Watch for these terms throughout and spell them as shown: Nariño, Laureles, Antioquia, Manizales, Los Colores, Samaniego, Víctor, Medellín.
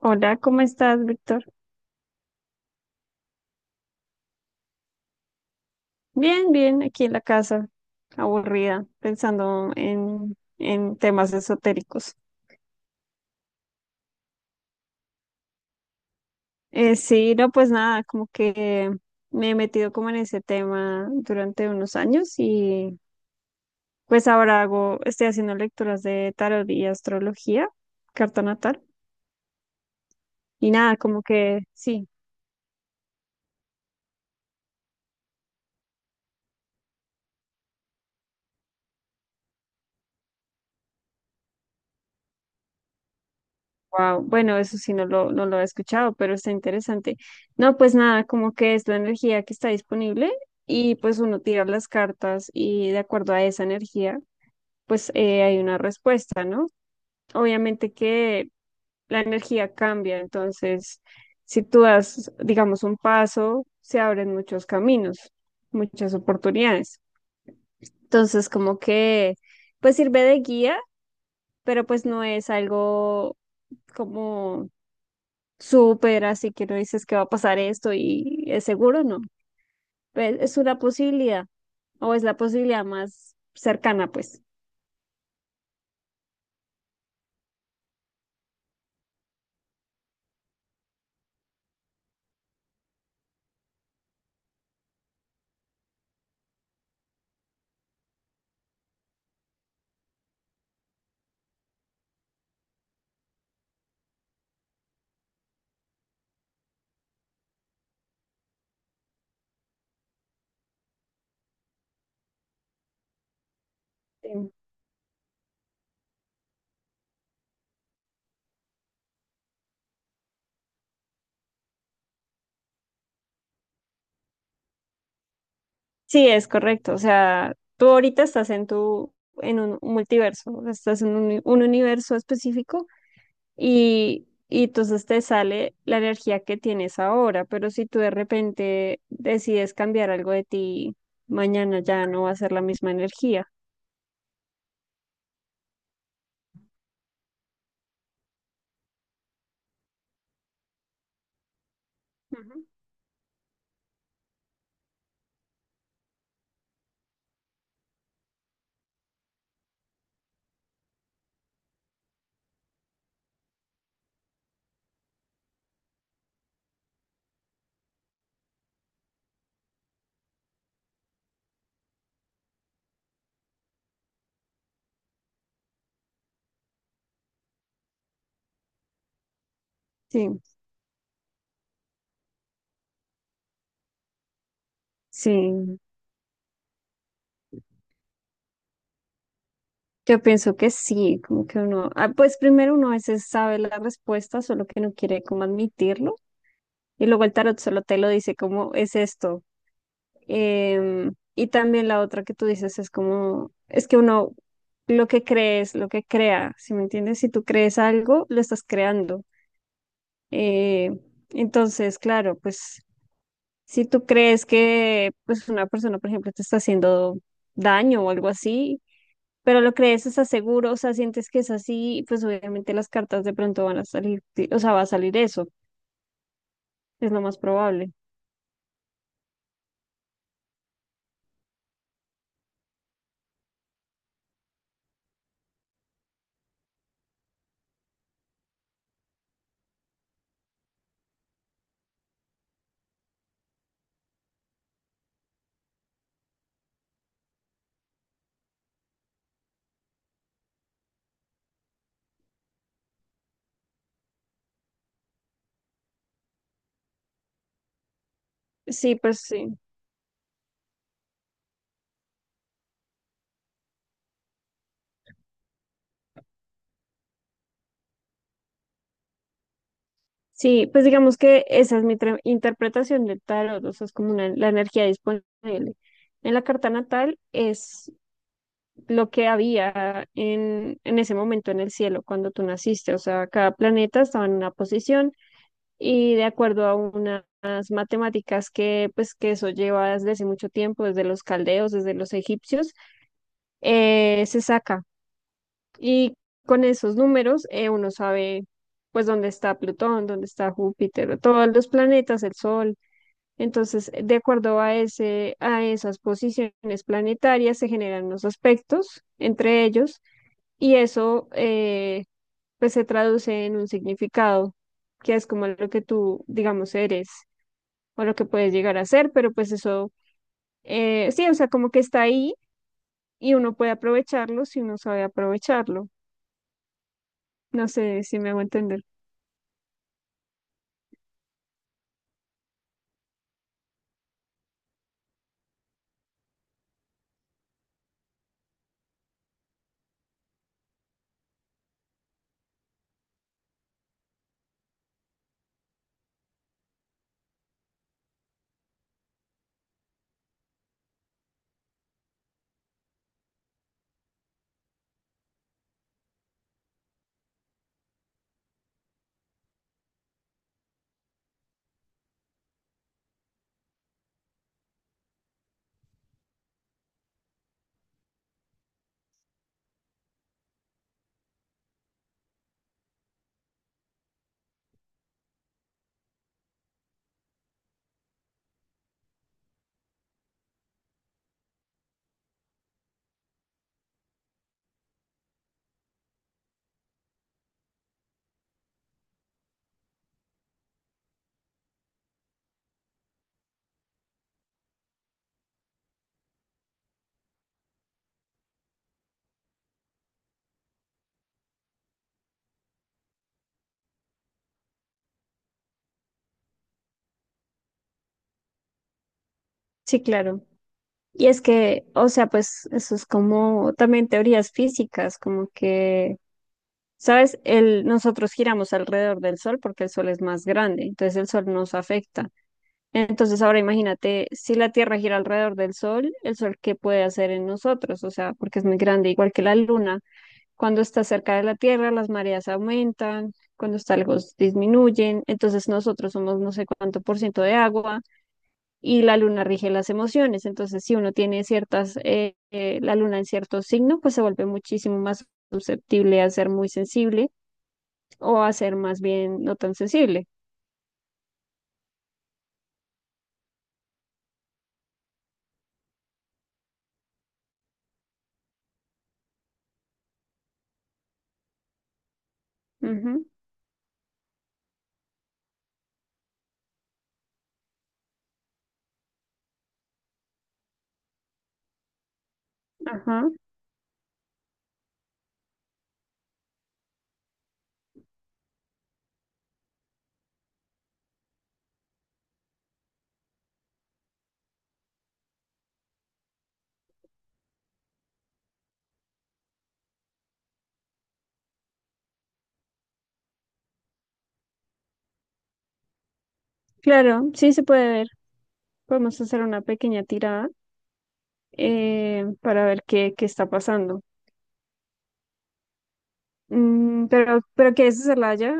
Hola, ¿cómo estás, Víctor? Bien, bien, aquí en la casa, aburrida, pensando en temas esotéricos. Sí, no, pues nada, como que me he metido como en ese tema durante unos años, y pues estoy haciendo lecturas de tarot y astrología, carta natal, y nada, como que sí. Wow, bueno, eso sí no lo he escuchado, pero está interesante. No, pues nada, como que es la energía que está disponible, y pues uno tira las cartas y de acuerdo a esa energía, pues hay una respuesta, ¿no? Obviamente que la energía cambia, entonces si tú das, digamos, un paso, se abren muchos caminos, muchas oportunidades. Entonces, como que, pues sirve de guía, pero pues no es algo como súper, así que no dices que va a pasar esto y es seguro, no. Pues, es una posibilidad, o es la posibilidad más cercana, pues. Sí. Sí, es correcto. O sea, tú ahorita estás en en un multiverso, o sea, estás en un universo específico, y entonces te sale la energía que tienes ahora, pero si tú de repente decides cambiar algo de ti, mañana ya no va a ser la misma energía. Ujú. Sí, sí. Yo pienso que sí, como que uno, pues primero uno a veces sabe la respuesta, solo que no quiere como admitirlo, y luego el tarot solo te lo dice como es esto. Y también la otra que tú dices es como, es que uno lo que cree es lo que crea, ¿sí me entiendes? Si tú crees algo, lo estás creando. Eh, entonces, claro, pues si tú crees que pues una persona, por ejemplo, te está haciendo daño o algo así, pero lo crees, estás seguro, o sea, sientes que es así, y pues obviamente las cartas de pronto van a salir, sí, o sea, va a salir eso, es lo más probable. Sí, pues sí. Sí, pues digamos que esa es mi interpretación del tarot, o sea, es como la energía disponible. En la carta natal es lo que había en ese momento en el cielo cuando tú naciste, o sea, cada planeta estaba en una posición, y de acuerdo a unas matemáticas que pues que eso lleva desde hace mucho tiempo, desde los caldeos, desde los egipcios, se saca. Y con esos números uno sabe pues dónde está Plutón, dónde está Júpiter, todos los planetas, el Sol. Entonces, de acuerdo a a esas posiciones planetarias se generan los aspectos entre ellos, y eso pues se traduce en un significado que es como lo que tú, digamos, eres, o lo que puedes llegar a hacer, pero pues eso, sí, o sea, como que está ahí y uno puede aprovecharlo si uno sabe aprovecharlo. No sé si me hago entender. Sí, claro. Y es que, o sea, pues eso es como también teorías físicas, como que, ¿sabes? Nosotros giramos alrededor del Sol porque el Sol es más grande, entonces el Sol nos afecta. Entonces ahora imagínate, si la Tierra gira alrededor del Sol, el Sol, ¿qué puede hacer en nosotros? O sea, porque es muy grande, igual que la Luna. Cuando está cerca de la Tierra, las mareas aumentan, cuando está lejos disminuyen. Entonces nosotros somos no sé cuánto por ciento de agua, y la luna rige las emociones. Entonces, si uno tiene la luna en cierto signo, pues se vuelve muchísimo más susceptible a ser muy sensible, o a ser más bien no tan sensible. Ujú, ajá, claro, sí se puede ver. Podemos hacer una pequeña tirada para ver qué está pasando. Mm, pero ¿quieres hacerla ya?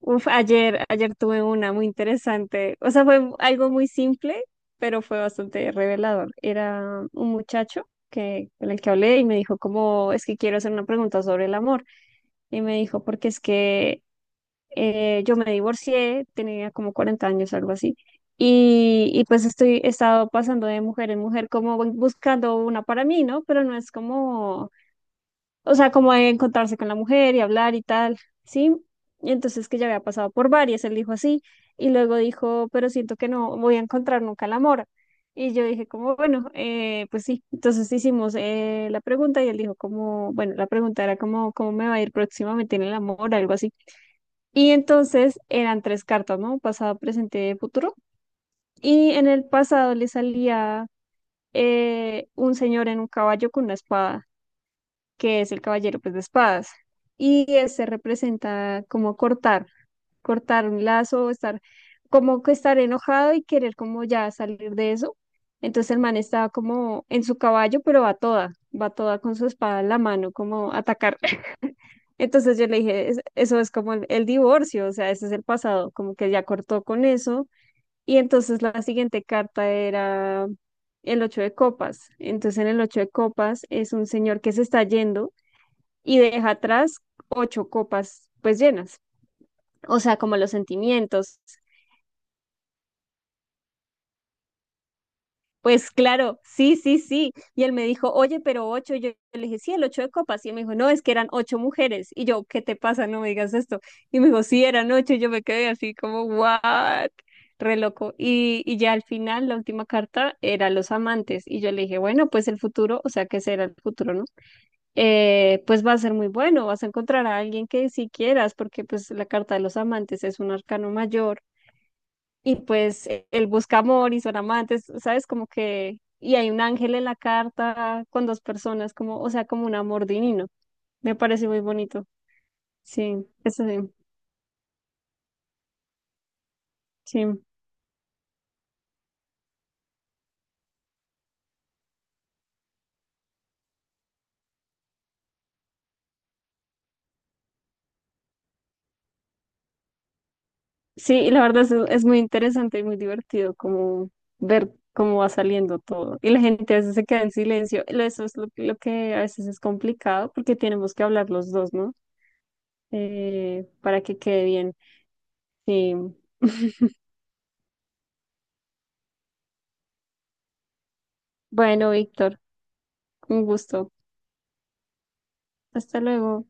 Uf, ayer tuve una muy interesante. O sea, fue algo muy simple, pero fue bastante revelador. Era un muchacho con el que hablé, y me dijo como, es que quiero hacer una pregunta sobre el amor. Y me dijo, porque es que yo me divorcié, tenía como 40 años, algo así. Y pues he estado pasando de mujer en mujer como buscando una para mí, ¿no? Pero no es como, o sea, como de encontrarse con la mujer y hablar y tal, ¿sí? Y entonces que ya había pasado por varias, él dijo así, y luego dijo, pero siento que no voy a encontrar nunca el amor. Y yo dije como, bueno, pues sí, entonces hicimos la pregunta, y él dijo como, bueno, la pregunta era como, ¿cómo me va a ir próximamente en el amor? Algo así. Y entonces eran tres cartas, ¿no? Pasado, presente, futuro. Y en el pasado le salía un señor en un caballo con una espada, que es el caballero, pues, de espadas. Y este representa como cortar, cortar un lazo, estar como que estar enojado y querer como ya salir de eso. Entonces el man está como en su caballo, pero va toda con su espada en la mano, como a atacar. Entonces yo le dije, eso es como el divorcio, o sea, ese es el pasado, como que ya cortó con eso". Y entonces la siguiente carta era el ocho de copas. Entonces, en el ocho de copas es un señor que se está yendo y deja atrás ocho copas, pues, llenas, o sea, como los sentimientos. Pues claro, sí, sí, sí. Y él me dijo, oye, pero ocho. Y yo le dije, sí, el ocho de copas. Y él me dijo, no, es que eran ocho mujeres. Y yo, ¿qué te pasa? No me digas esto. Y me dijo, sí, eran ocho. Y yo me quedé así como, ¿what? Re loco. Y ya al final, la última carta era los amantes. Y yo le dije, bueno, pues el futuro, o sea, ¿qué será el futuro, no? Pues va a ser muy bueno, vas a encontrar a alguien que sí quieras, porque pues la carta de los amantes es un arcano mayor, y pues él busca amor y son amantes, ¿sabes? Como que, y hay un ángel en la carta con dos personas, como, o sea, como un amor divino. Me parece muy bonito. Sí, eso sí, sí. Sí, y la verdad es muy interesante y muy divertido como ver cómo va saliendo todo. Y la gente a veces se queda en silencio. Lo Eso es lo que a veces es complicado porque tenemos que hablar los dos, ¿no? Para que quede bien. Sí. Bueno, Víctor, un gusto. Hasta luego.